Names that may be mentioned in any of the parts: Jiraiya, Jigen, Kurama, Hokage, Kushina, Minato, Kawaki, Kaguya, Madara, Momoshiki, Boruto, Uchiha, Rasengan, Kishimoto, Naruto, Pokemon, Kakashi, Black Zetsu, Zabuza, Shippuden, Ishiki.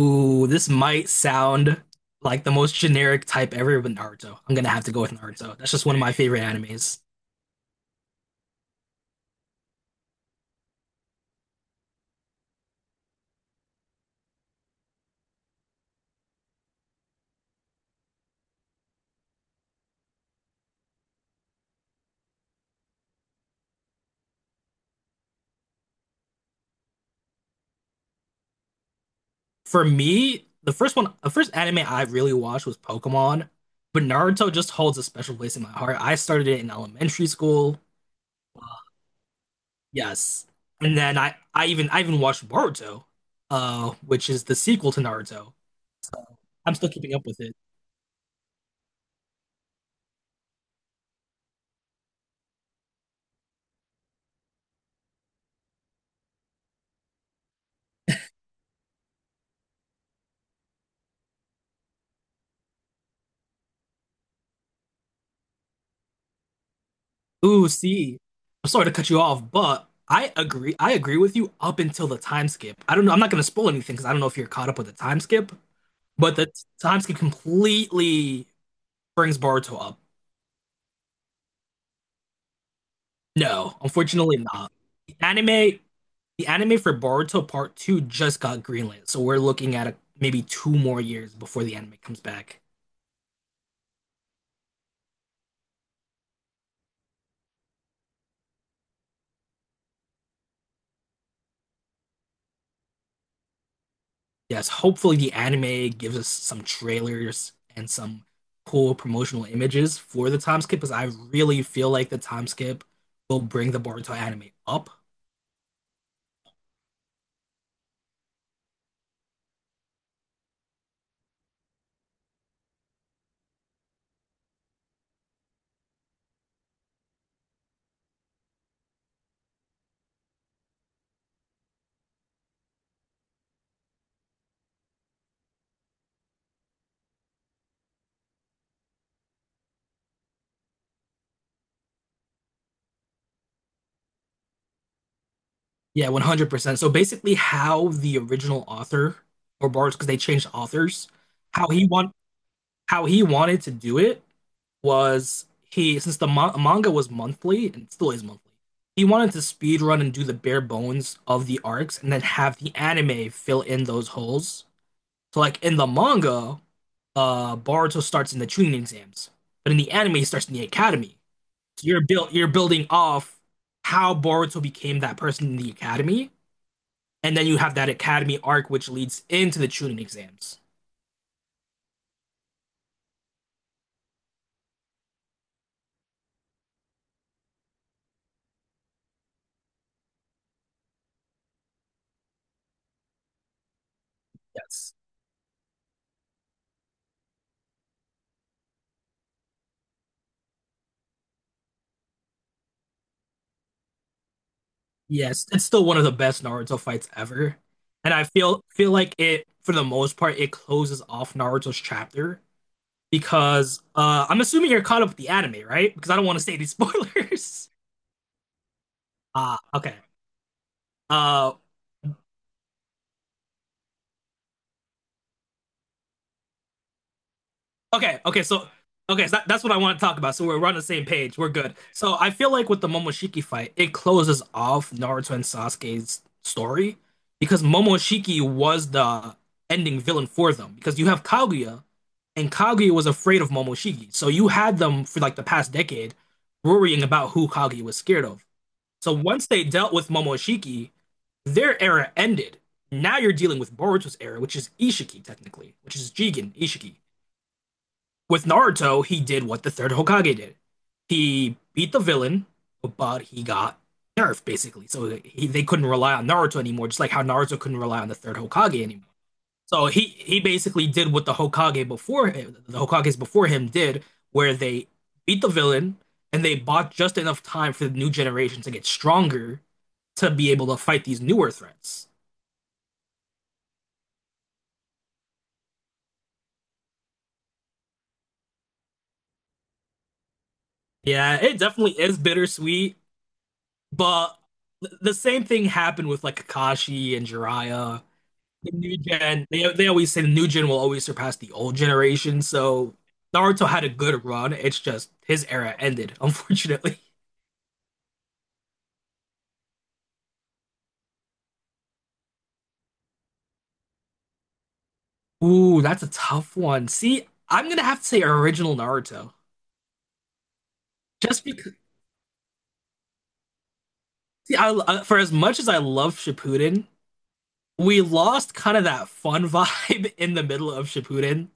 Ooh, this might sound like the most generic type ever with Naruto. I'm gonna have to go with Naruto. That's just one of my favorite animes. For me, the first one, the first anime I really watched was Pokemon, but Naruto just holds a special place in my heart. I started it in elementary school. Yes. And then I even watched Boruto, which is the sequel to Naruto. I'm still keeping up with it. Ooh, see, I'm sorry to cut you off, but I agree. I agree with you up until the time skip. I don't know. I'm not going to spoil anything because I don't know if you're caught up with the time skip, but the time skip completely brings Boruto up. No, unfortunately not. The anime for Boruto Part 2 just got greenlit, so we're looking at maybe two more years before the anime comes back. Yes, hopefully the anime gives us some trailers and some cool promotional images for the time skip because I really feel like the time skip will bring the Boruto anime up. Yeah, 100%. So basically how the original author or Boruto because they changed authors, how he want how he wanted to do it was he since the ma manga was monthly and still is monthly. He wanted to speed run and do the bare bones of the arcs and then have the anime fill in those holes. So like in the manga, Boruto starts in the training exams, but in the anime, he starts in the academy. So you're building off how Boruto became that person in the academy, and then you have that academy arc which leads into the Chunin exams. Yes. Yes, it's still one of the best Naruto fights ever. And I feel like it for the most part it closes off Naruto's chapter because I'm assuming you're caught up with the anime, right? Because I don't want to say any spoilers. Ah, okay. Uh Okay, okay, so that, that's what I want to talk about. So we're on the same page. We're good. So I feel like with the Momoshiki fight, it closes off Naruto and Sasuke's story because Momoshiki was the ending villain for them. Because you have Kaguya, and Kaguya was afraid of Momoshiki. So you had them for like the past decade worrying about who Kaguya was scared of. So once they dealt with Momoshiki, their era ended. Now you're dealing with Boruto's era, which is Ishiki technically, which is Jigen, Ishiki. With Naruto, he did what the third Hokage did. He beat the villain, but he got nerfed basically. So they couldn't rely on Naruto anymore, just like how Naruto couldn't rely on the third Hokage anymore. So he basically did what the Hokage before him, the Hokages before him did, where they beat the villain and they bought just enough time for the new generation to get stronger to be able to fight these newer threats. Yeah, it definitely is bittersweet. But the same thing happened with like Kakashi and Jiraiya. The new gen, they always say the new gen will always surpass the old generation. So Naruto had a good run. It's just his era ended, unfortunately. Ooh, that's a tough one. See, I'm gonna have to say original Naruto. Just because, see, for as much as I love Shippuden, we lost kind of that fun vibe in the middle of Shippuden.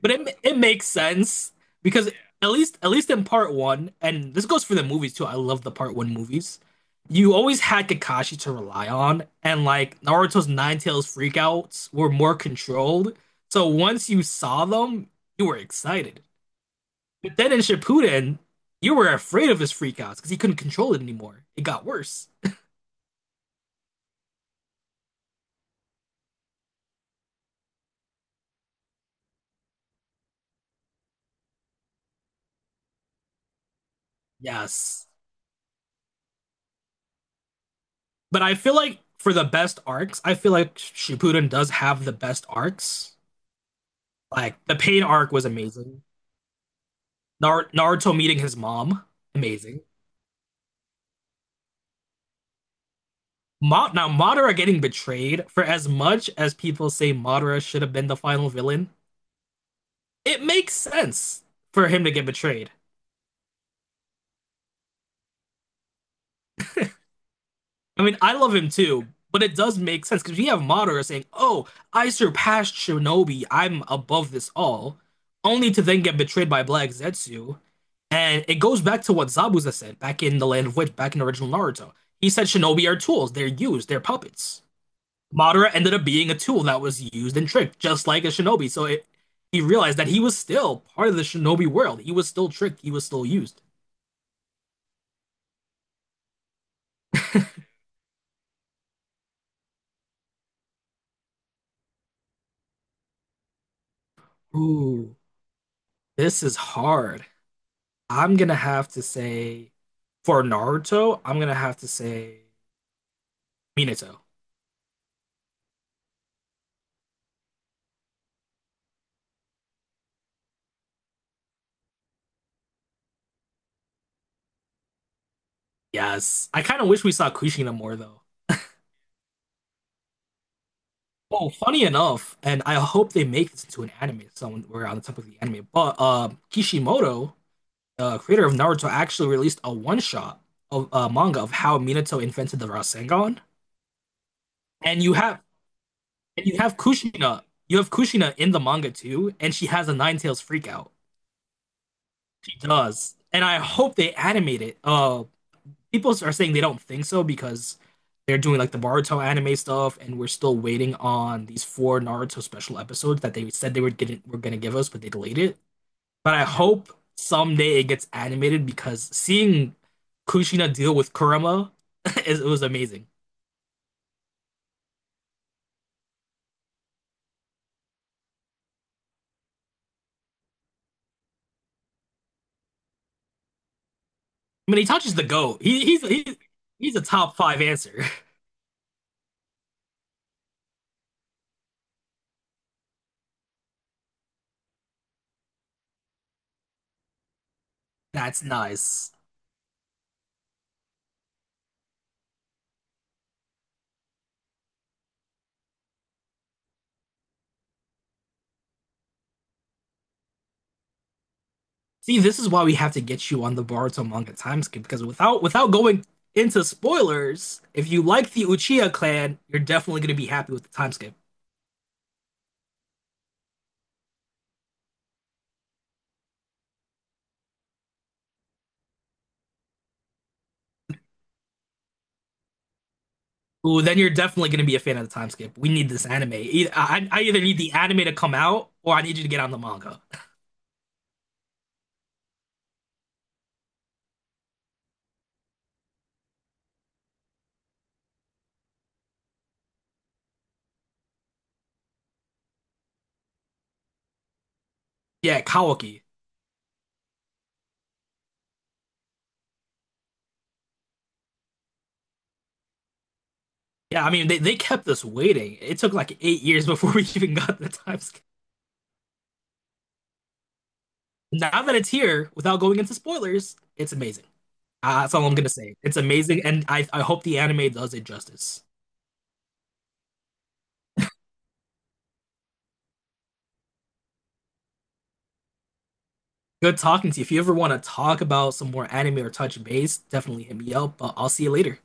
But it makes sense because yeah, at least in part one, and this goes for the movies too. I love the part one movies. You always had Kakashi to rely on, and like Naruto's Nine Tails freakouts were more controlled. So once you saw them, you were excited. But then in Shippuden, you were afraid of his freakouts because he couldn't control it anymore. It got worse. Yes. But I feel like for the best arcs, I feel like Shippuden does have the best arcs. Like the pain arc was amazing. Naruto meeting his mom. Amazing. Ma now Madara getting betrayed. For as much as people say Madara should have been the final villain, it makes sense for him to get betrayed. I mean, I love him too, but it does make sense because we have Madara saying, "Oh, I surpassed Shinobi. I'm above this all," only to then get betrayed by Black Zetsu. And it goes back to what Zabuza said back in the Land of Witch, back in original Naruto. He said Shinobi are tools. They're used. They're puppets. Madara ended up being a tool that was used and tricked, just like a shinobi. So he realized that he was still part of the shinobi world. He was still tricked. He was still used. Ooh, this is hard. I'm gonna have to say, for Naruto, I'm gonna have to say Minato. Yes. I kind of wish we saw Kushina more though. Oh, funny enough, and I hope they make this into an anime somewhere on the top of the anime. But Kishimoto creator of Naruto actually released a one shot of a manga of how Minato invented the Rasengan, and you have Kushina in the manga too, and she has a Nine Tails freakout. She does, and I hope they animate it. People are saying they don't think so because they're doing like the Naruto anime stuff, and we're still waiting on these four Naruto special episodes that they said were gonna give us, but they delayed it. But I hope someday it gets animated because seeing Kushina deal with Kurama is it was amazing. I mean, he touches the GOAT. He's he's a top five answer. That's nice. See, this is why we have to get you on the Boruto manga time skip because without going into spoilers, if you like the Uchiha clan, you're definitely going to be happy with the time skip. Ooh, then you're definitely going to be a fan of the time skip. We need this anime. I either need the anime to come out or I need you to get on the manga. Yeah, Kawaki. Yeah, I mean they kept us waiting. It took like 8 years before we even got the time skip. Now that it's here, without going into spoilers, it's amazing. That's all I'm gonna say. It's amazing, and I hope the anime does it justice. Good talking to you. If you ever want to talk about some more anime or touch base, definitely hit me up. But I'll see you later.